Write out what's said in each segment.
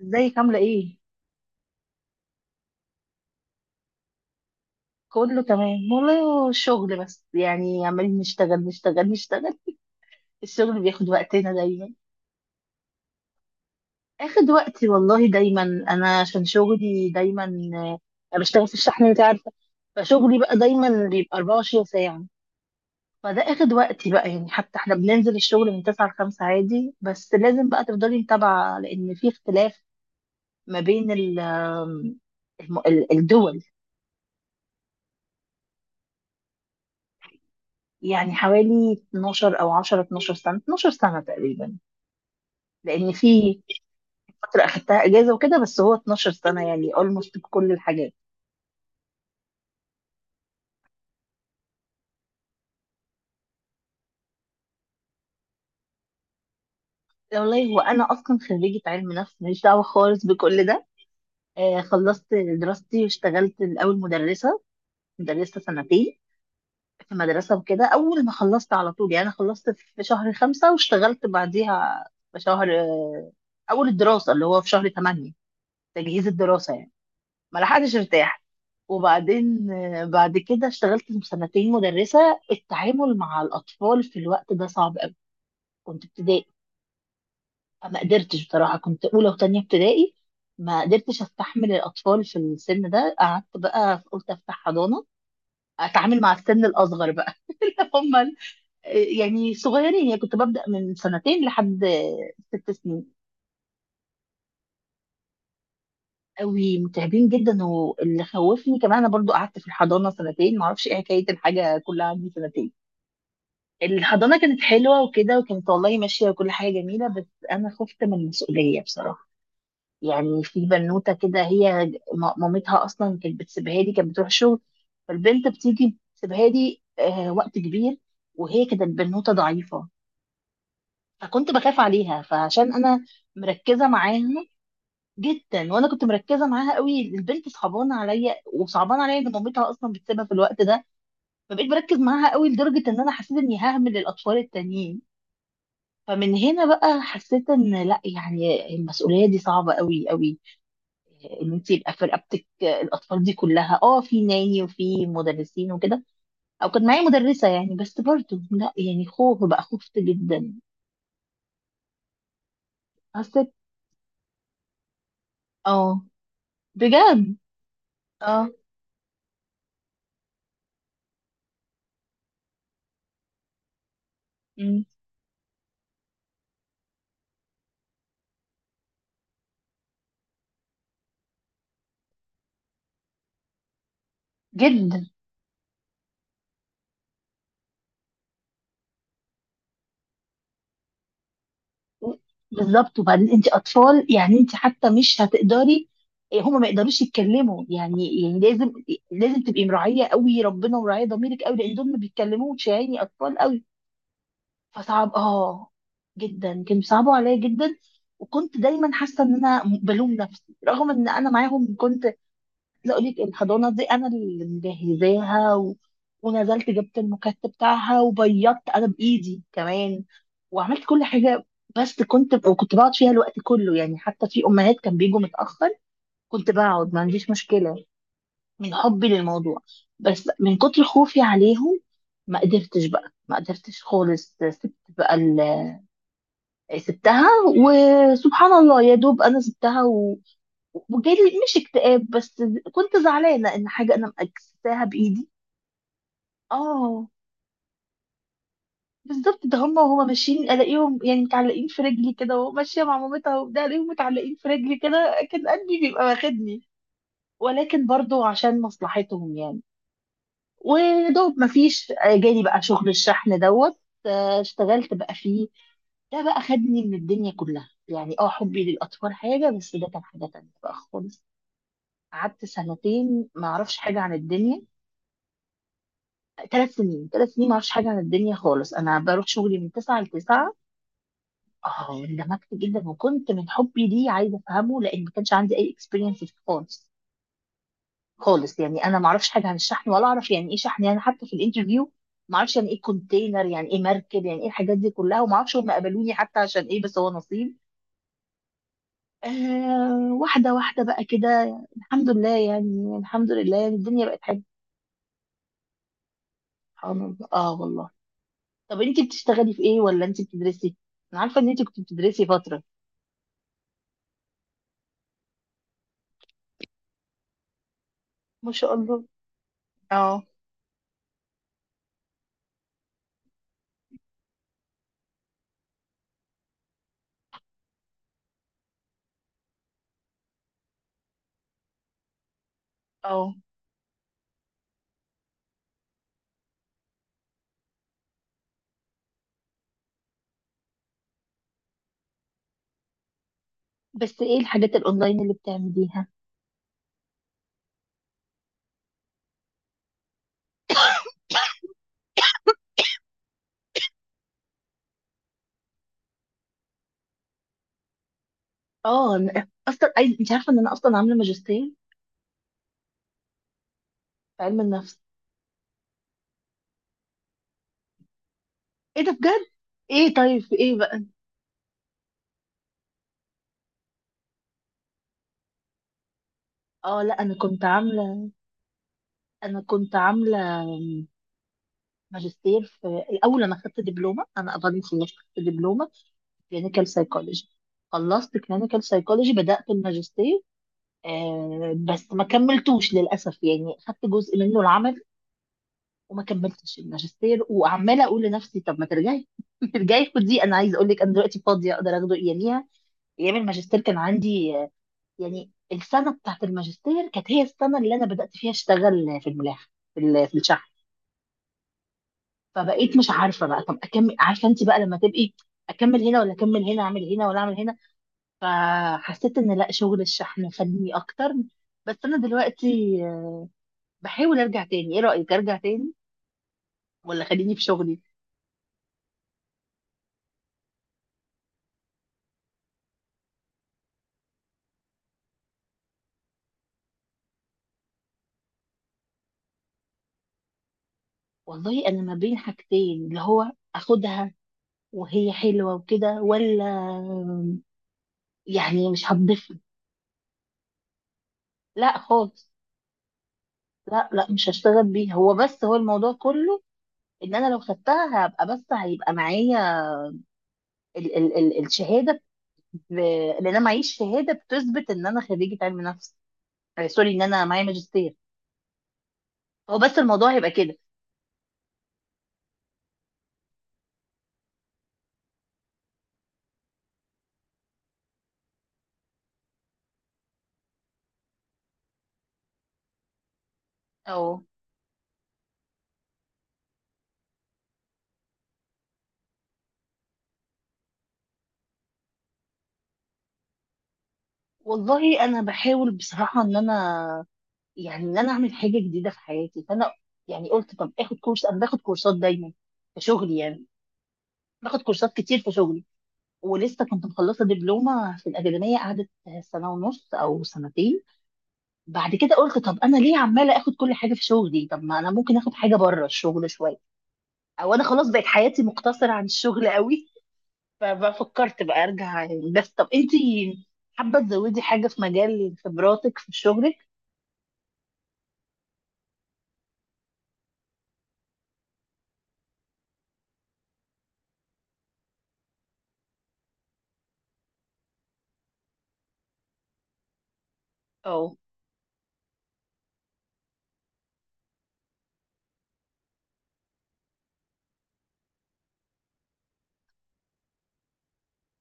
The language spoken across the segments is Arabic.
ازيك عاملة ايه؟ كله تمام والله. هو الشغل بس، يعني عمالين نشتغل نشتغل نشتغل، الشغل بياخد وقتنا دايما. اخد وقتي والله دايما، انا عشان شغلي دايما. آه، انا بشتغل في الشحن انت عارفة، فشغلي بقى دايما بيبقى 24 ساعة. فده اخد وقتي بقى، يعني حتى احنا بننزل الشغل من 9 ل 5 عادي، بس لازم بقى تفضلي متابعة لان في اختلاف ما بين الدول يعني حوالي 12 او 10، 12 سنة، 12 سنة تقريبا، لان في فتره اخدتها اجازه وكده، بس هو 12 سنه يعني اولموست بكل الحاجات. والله وانا اصلا خريجه علم نفس، ماليش دعوه خالص بكل ده. آه خلصت دراستي واشتغلت الاول مدرسه سنتين في مدرسه وكده. اول ما خلصت على طول يعني، أنا خلصت في شهر 5 واشتغلت بعديها في شهر اول الدراسه اللي هو في شهر 8، تجهيز الدراسه يعني، ما لحقتش ارتاح. وبعدين بعد كده اشتغلت سنتين مدرسة. التعامل مع الأطفال في الوقت ده صعب قوي، كنت ابتدائي. ما قدرتش بصراحة، كنت أولى وتانية ابتدائي، ما قدرتش استحمل الأطفال في السن ده. قعدت بقى قلت أفتح حضانة، أتعامل مع السن الأصغر بقى اللي هم ال-، يعني صغيرين، يعني كنت ببدأ من سنتين لحد 6 سنين. قوي متعبين جدا، واللي خوفني كمان أنا برضو قعدت في الحضانة سنتين، معرفش إيه حكاية الحاجة كلها عندي سنتين. الحضانة كانت حلوة وكده، وكانت والله ماشية وكل حاجة جميلة، بس أنا خفت من المسؤولية بصراحة. يعني في بنوتة كده، هي مامتها أصلا كانت بتسيبها لي، كانت بتروح شغل، فالبنت بتيجي بتسيبها لي آه وقت كبير، وهي كانت بنوتة ضعيفة، فكنت بخاف عليها. فعشان أنا مركزة معاها جدا، وأنا كنت مركزة معاها قوي، البنت صعبانة عليا، وصعبانة عليا إن مامتها أصلا بتسيبها في الوقت ده، فبقيت بركز معاها قوي لدرجة إن أنا حسيت إني ههمل الأطفال التانيين. فمن هنا بقى حسيت ان لا، يعني المسؤوليه دي صعبه قوي قوي، ان انت يبقى في رقبتك الاطفال دي كلها. اه في ناني وفي مدرسين وكده، او كان معايا مدرسه يعني، بس برضه لا، يعني خوف بقى، خفت جدا. حسيت اه، بجد اه. أمم، جدا بالظبط. وبعدين انت اطفال، يعني انت حتى مش هتقدري، هما ما يقدروش يتكلموا، يعني يعني لازم لازم تبقي مراعيه قوي ربنا، ومراعيه ضميرك قوي، لان دول ما بيتكلموش، يعني اطفال قوي. فصعب اه، جدا كانوا بيصعبوا عليا جدا، وكنت دايما حاسه ان انا بلوم نفسي رغم ان انا معاهم كنت عايزه. اقول لك الحضانه دي انا اللي مجهزاها، و... ونزلت جبت المكتب بتاعها وبيضت انا بايدي كمان، وعملت كل حاجه، بس كنت، وكنت بقعد فيها الوقت كله، يعني حتى في امهات كان بيجوا متاخر كنت بقعد ما عنديش مشكله، من حبي للموضوع. بس من كتر خوفي عليهم ما قدرتش بقى، ما قدرتش خالص، سبت بقى، سبتها. وسبحان الله يا دوب انا سبتها، و... وجالي مش اكتئاب، بس كنت زعلانه ان حاجه انا مكستها بايدي. اه بالظبط، ده هما وهما ماشيين الاقيهم يعني متعلقين في رجلي كده، وماشيه مع مامتها وبتاع الاقيهم متعلقين في رجلي كده، كان قلبي بيبقى واخدني، ولكن برضو عشان مصلحتهم يعني. ودوب مفيش، جالي بقى شغل الشحن دوت. اشتغلت بقى فيه، ده بقى خدني من الدنيا كلها، يعني اه حبي للأطفال حاجة، بس ده كان حاجة تانية بقى خالص. قعدت سنتين ما اعرفش حاجه عن الدنيا، 3 سنين، 3 سنين ما اعرفش حاجه عن الدنيا خالص، انا بروح شغلي من 9 ل 9. اه اندمجت جدا، وكنت من حبي ليه عايزه افهمه، لان ما كانش عندي اي اكسبيرينس فيه خالص خالص، يعني انا ما اعرفش حاجه عن الشحن ولا اعرف يعني ايه شحن، يعني حتى في الانترفيو ما اعرفش يعني ايه كونتينر، يعني ايه مركب، يعني ايه الحاجات دي كلها، وما اعرفش هم قبلوني حتى عشان ايه، بس هو نصيب. آه واحده واحده بقى كده، الحمد لله يعني، الحمد لله يعني الدنيا بقت حلوه. سبحان الله اه والله. طب انت بتشتغلي في ايه ولا انت بتدرسي؟ انا عارفه ان انت كنت بتدرسي فتره. ما شاء الله اه اه. بس ايه الحاجات الاونلاين اللي بتعمليها؟ اه أنا اصلا عايز، انت عارفه ان انا اصلا عامله ماجستير في علم النفس. ايه ده بجد؟ ايه طيب في ايه بقى؟ اه لا انا كنت عامله، انا كنت عامله ماجستير في الاول، انا خدت دبلومه انا بعد ما خلصت، خدت دبلومه في كلينيكال سايكولوجي. خلصت كلينيكال سايكولوجي بدات الماجستير، آه بس ما كملتوش للاسف، يعني خدت جزء منه العمل، وما كملتش الماجستير. وعماله اقول لنفسي طب ما ترجعي ترجعي خدي، انا عايزه اقول لك انا دلوقتي فاضيه اقدر اخده. اياميها، ايام الماجستير كان عندي يعني السنه بتاعت الماجستير كانت هي السنه اللي انا بدات فيها اشتغل في الملاحه، في في الشحن، فبقيت مش عارفه بقى، طب اكمل، عارفه انت بقى لما تبقي اكمل هنا ولا اكمل هنا، اعمل هنا ولا اعمل هنا. فحسيت ان لا، شغل الشحن فني اكتر، بس انا دلوقتي بحاول ارجع تاني. ايه رايك، ارجع تاني ولا خليني في شغلي؟ والله انا ما بين حاجتين، اللي هو اخدها وهي حلوه وكده، ولا يعني مش هتضيف لي. لا خالص، لا لا مش هشتغل بيها، هو بس هو الموضوع كله ان انا لو خدتها هبقى، بس هيبقى معايا ال الشهاده، لان انا معيش شهاده بتثبت ان انا خريجه علم نفس. سوري، ان انا معايا ماجستير، هو بس الموضوع هيبقى كده. اه والله انا بحاول بصراحه، ان انا يعني ان انا اعمل حاجه جديده في حياتي، فانا يعني قلت طب اخد كورس. انا باخد كورسات دايما في شغلي يعني، باخد كورسات كتير في شغلي، ولسه كنت مخلصه دبلومه في الاكاديميه، قعدت سنه ونص او سنتين. بعد كده قلت، طب انا ليه عماله اخد كل حاجه في شغلي، طب ما انا ممكن اخد حاجه بره الشغل شويه، او انا خلاص بقت حياتي مقتصره عن الشغل قوي ففكرت بقى ارجع يعني، بس طب انتي حابه تزودي حاجه في مجال خبراتك في شغلك؟ او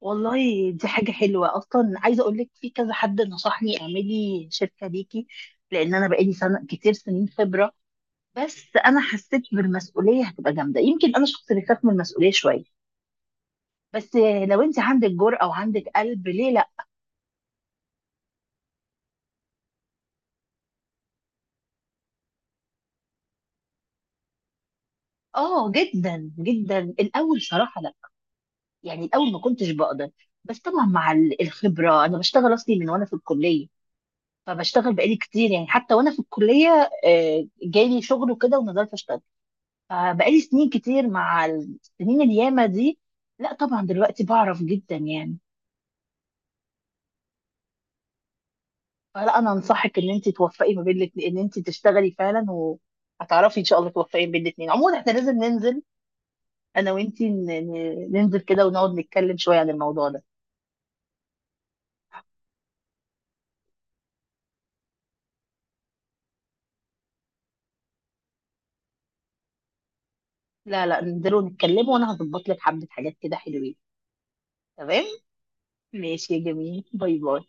والله دي حاجة حلوة. أصلا عايزة أقول لك، في كذا حد نصحني اعملي شركة ليكي، لأن أنا بقالي سنة كتير سنين خبرة، بس أنا حسيت بالمسؤولية هتبقى جامدة، يمكن أنا شخص بيخاف من المسؤولية شوية، بس لو أنت عندك جرأة وعندك قلب ليه لأ؟ آه جدا جدا. الأول صراحة لأ، يعني الأول ما كنتش بقدر، بس طبعا مع ال- الخبرة، أنا بشتغل أصلي من وأنا في الكلية، فبشتغل بقالي كتير، يعني حتى وأنا في الكلية جالي شغل وكده ونزلت أشتغل. بقالي سنين كتير، مع السنين الياما دي لا طبعا دلوقتي بعرف جدا يعني. فلا انا انصحك ان انت توفقي ما بين الاتنين، ان انت تشتغلي فعلا، وهتعرفي ان شاء الله توفقي بين الاتنين. عموما احنا لازم ننزل، انا وانت ننزل كده ونقعد نتكلم شويه عن الموضوع ده. لا لا ننزل ونتكلم، وانا هظبط لك حبه حاجات كده حلوين. تمام، ماشي يا جميل، باي باي.